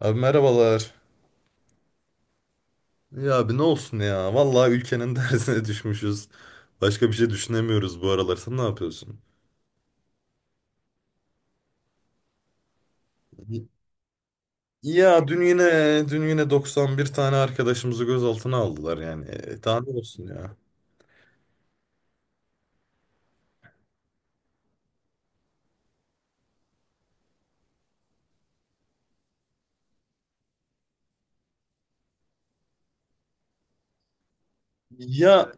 Abi merhabalar. Ya abi ne olsun ya. Vallahi ülkenin dersine düşmüşüz. Başka bir şey düşünemiyoruz bu aralar. Sen ne yapıyorsun? Ya dün yine 91 tane arkadaşımızı gözaltına aldılar yani. E, daha ne olsun ya. Ya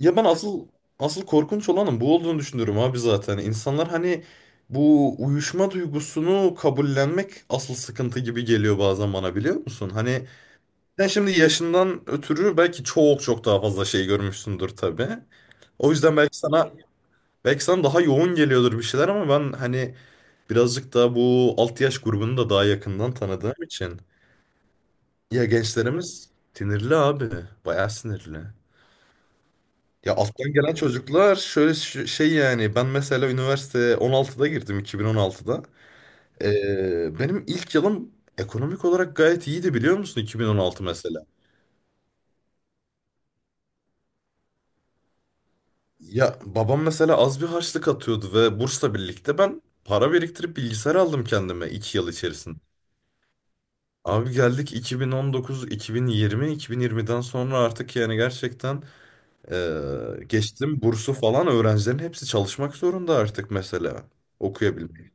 ya ben asıl korkunç olanın bu olduğunu düşünüyorum abi zaten. İnsanlar hani bu uyuşma duygusunu kabullenmek asıl sıkıntı gibi geliyor bazen bana biliyor musun? Hani sen şimdi yaşından ötürü belki çok çok daha fazla şey görmüşsündür tabii. O yüzden belki sana daha yoğun geliyordur bir şeyler ama ben hani birazcık da bu alt yaş grubunu da daha yakından tanıdığım için ya gençlerimiz sinirli abi. Bayağı sinirli. Ya alttan gelen çocuklar şöyle şey yani ben mesela üniversite 16'da girdim 2016'da. Benim ilk yılım ekonomik olarak gayet iyiydi biliyor musun 2016 mesela. Ya babam mesela az bir harçlık atıyordu ve bursla birlikte ben para biriktirip bilgisayar aldım kendime 2 yıl içerisinde. Abi geldik 2019, 2020, 2020'den sonra artık yani gerçekten geçtim bursu falan, öğrencilerin hepsi çalışmak zorunda artık mesela okuyabilmek.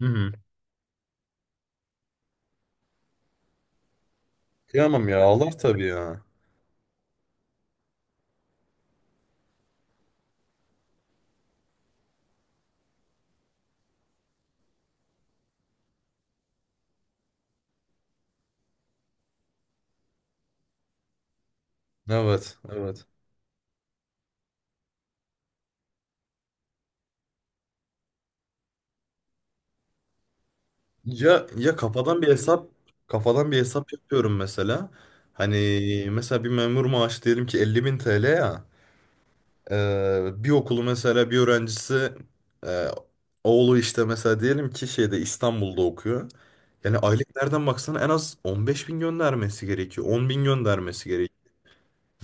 Hı hı. Kıyamam ya, ağlar tabii ya. Evet, evet. Ya kafadan bir hesap yapıyorum mesela. Hani mesela bir memur maaşı diyelim ki 50 bin TL ya. Bir okulu mesela bir öğrencisi, e, oğlu işte mesela diyelim ki şeyde, İstanbul'da okuyor. Yani aylık nereden baksana en az 15 bin göndermesi gerekiyor. 10 bin göndermesi gerekiyor.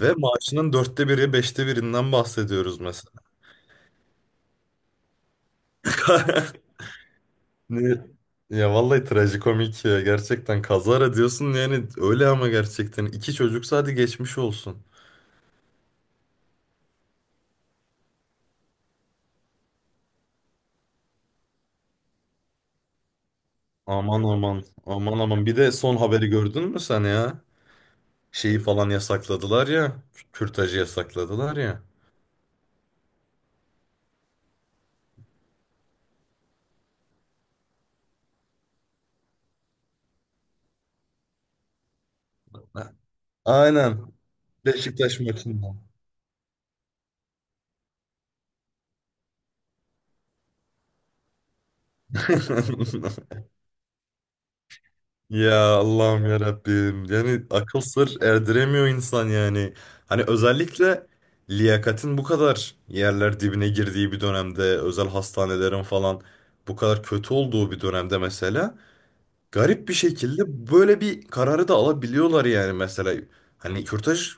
Ve maaşının dörtte biri, beşte birinden bahsediyoruz mesela. Ne- Ya vallahi trajikomik ya. Gerçekten kazara diyorsun yani öyle, ama gerçekten. İki çocuksa hadi geçmiş olsun. Aman aman. Aman aman. Bir de son haberi gördün mü sen ya? Şeyi falan yasakladılar ya. Kürtajı yasakladılar ya. Aynen. Beşiktaş maçında. Ya Allah'ım ya Rabbim. Yani akıl sır erdiremiyor insan yani. Hani özellikle liyakatin bu kadar yerler dibine girdiği bir dönemde, özel hastanelerin falan bu kadar kötü olduğu bir dönemde mesela garip bir şekilde böyle bir kararı da alabiliyorlar yani mesela. Hani kürtaj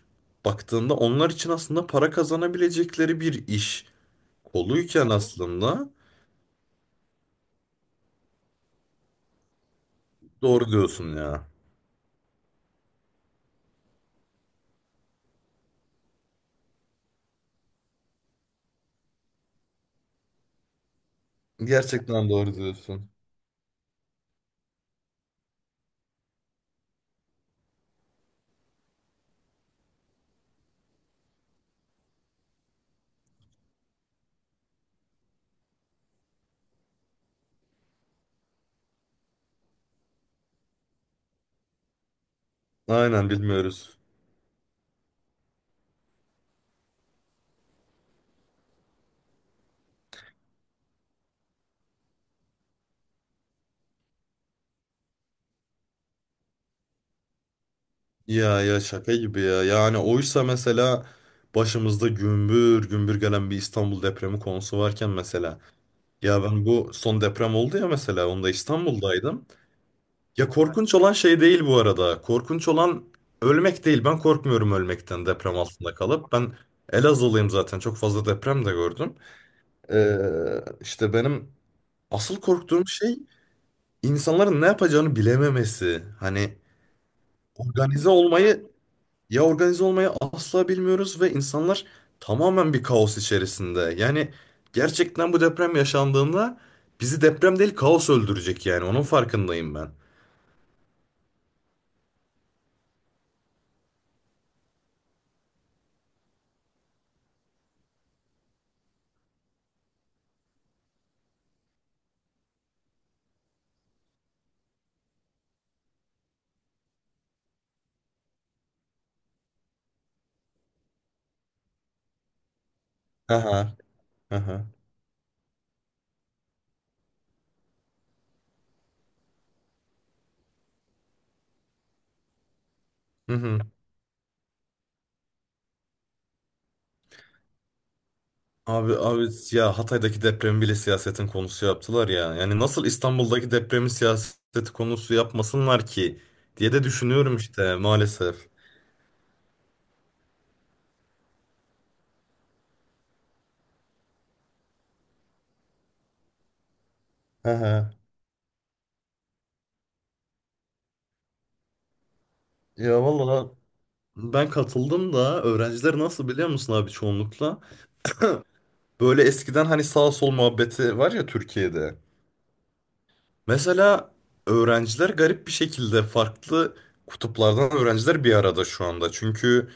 baktığında onlar için aslında para kazanabilecekleri bir iş koluyken aslında, doğru diyorsun ya. Gerçekten doğru diyorsun. Aynen, bilmiyoruz. Ya şaka gibi ya. Yani oysa mesela başımızda gümbür gümbür gelen bir İstanbul depremi konusu varken mesela. Ya ben bu son deprem oldu ya mesela, onda İstanbul'daydım. Ya korkunç olan şey değil bu arada. Korkunç olan ölmek değil. Ben korkmuyorum ölmekten, deprem altında kalıp. Ben Elazığlıyım zaten. Çok fazla deprem de gördüm. Ee, işte benim asıl korktuğum şey insanların ne yapacağını bilememesi. Hani organize olmayı, ya organize olmayı asla bilmiyoruz ve insanlar tamamen bir kaos içerisinde. Yani gerçekten bu deprem yaşandığında bizi deprem değil, kaos öldürecek yani. Onun farkındayım ben. Aha, aha. Hı hı. Abi abi ya, Hatay'daki depremi bile siyasetin konusu yaptılar ya. Yani nasıl İstanbul'daki depremi siyaseti konusu yapmasınlar ki diye de düşünüyorum işte, maalesef. Hı hı. Ya vallahi ben katıldım da, öğrenciler nasıl biliyor musun abi çoğunlukla? Böyle eskiden hani sağ sol muhabbeti var ya Türkiye'de. Mesela öğrenciler garip bir şekilde farklı kutuplardan öğrenciler bir arada şu anda. Çünkü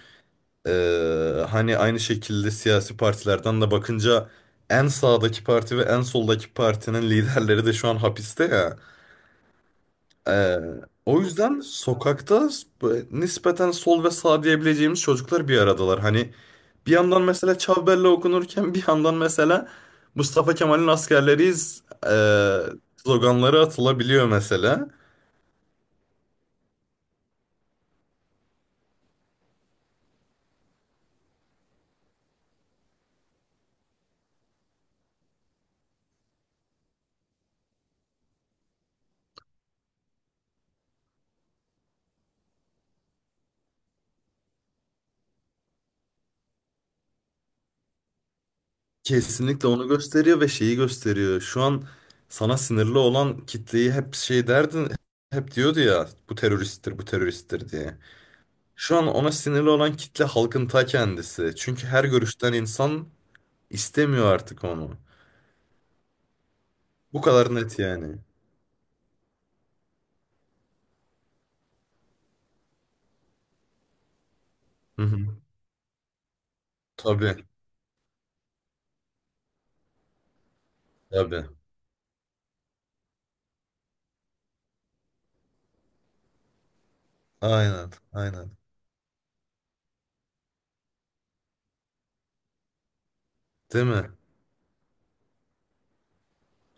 Hani aynı şekilde siyasi partilerden de bakınca, en sağdaki parti ve en soldaki partinin liderleri de şu an hapiste ya. Ee, O yüzden sokakta nispeten sol ve sağ diyebileceğimiz çocuklar bir aradalar. Hani bir yandan mesela Çavbelle okunurken, bir yandan mesela Mustafa Kemal'in askerleriyiz ee, sloganları atılabiliyor mesela. Kesinlikle onu gösteriyor ve şeyi gösteriyor. Şu an sana sinirli olan kitleyi hep şey derdin, hep diyordu ya, bu teröristtir, bu teröristtir diye. Şu an ona sinirli olan kitle halkın ta kendisi. Çünkü her görüşten insan istemiyor artık onu. Bu kadar net yani. Hı hı. Tabii, tabii. Aynen, aynen. Değil mi?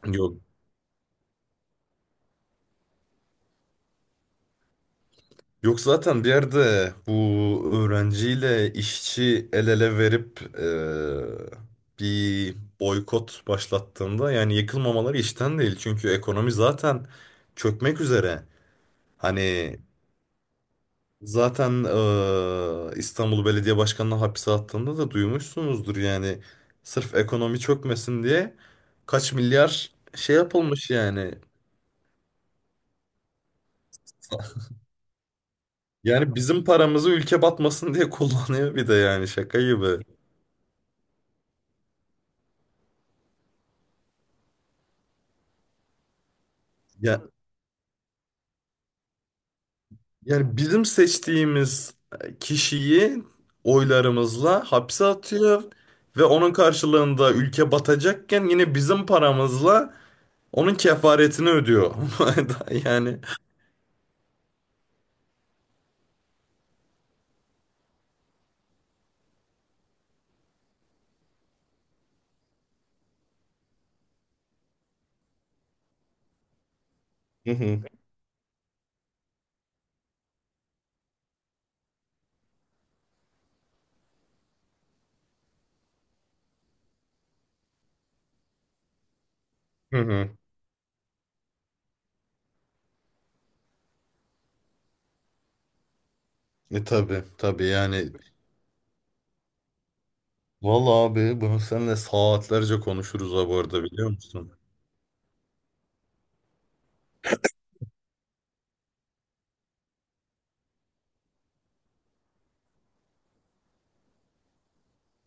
Yok. Yok zaten, bir yerde bu öğrenciyle işçi el ele verip bir boykot başlattığında yani yıkılmamaları işten değil. Çünkü ekonomi zaten çökmek üzere. Hani zaten İstanbul Belediye Başkanı'na hapse attığında da duymuşsunuzdur yani. Sırf ekonomi çökmesin diye kaç milyar şey yapılmış yani. Yani bizim paramızı ülke batmasın diye kullanıyor bir de, yani şaka gibi. Ya, yani bizim seçtiğimiz kişiyi oylarımızla hapse atıyor ve onun karşılığında, ülke batacakken, yine bizim paramızla onun kefaretini ödüyor. Yani. Hı hı. Hı hı. E tabi tabi yani. Vallahi abi bunu seninle saatlerce konuşuruz ha, bu arada biliyor musun?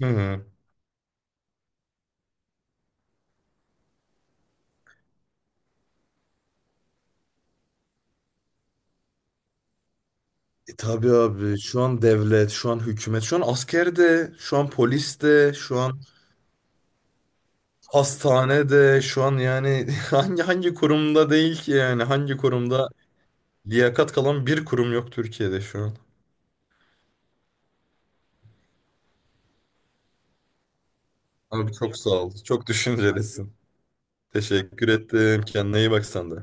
Hı hı. E tabii abi, şu an devlet, şu an hükümet, şu an asker de, şu an polis de, şu an hastanede şu an yani. Hangi kurumda değil ki yani, hangi kurumda liyakat kalan bir kurum yok Türkiye'de şu an. Abi çok sağ ol. Çok düşüncelisin. Teşekkür ettim. Kendine iyi bak sen de.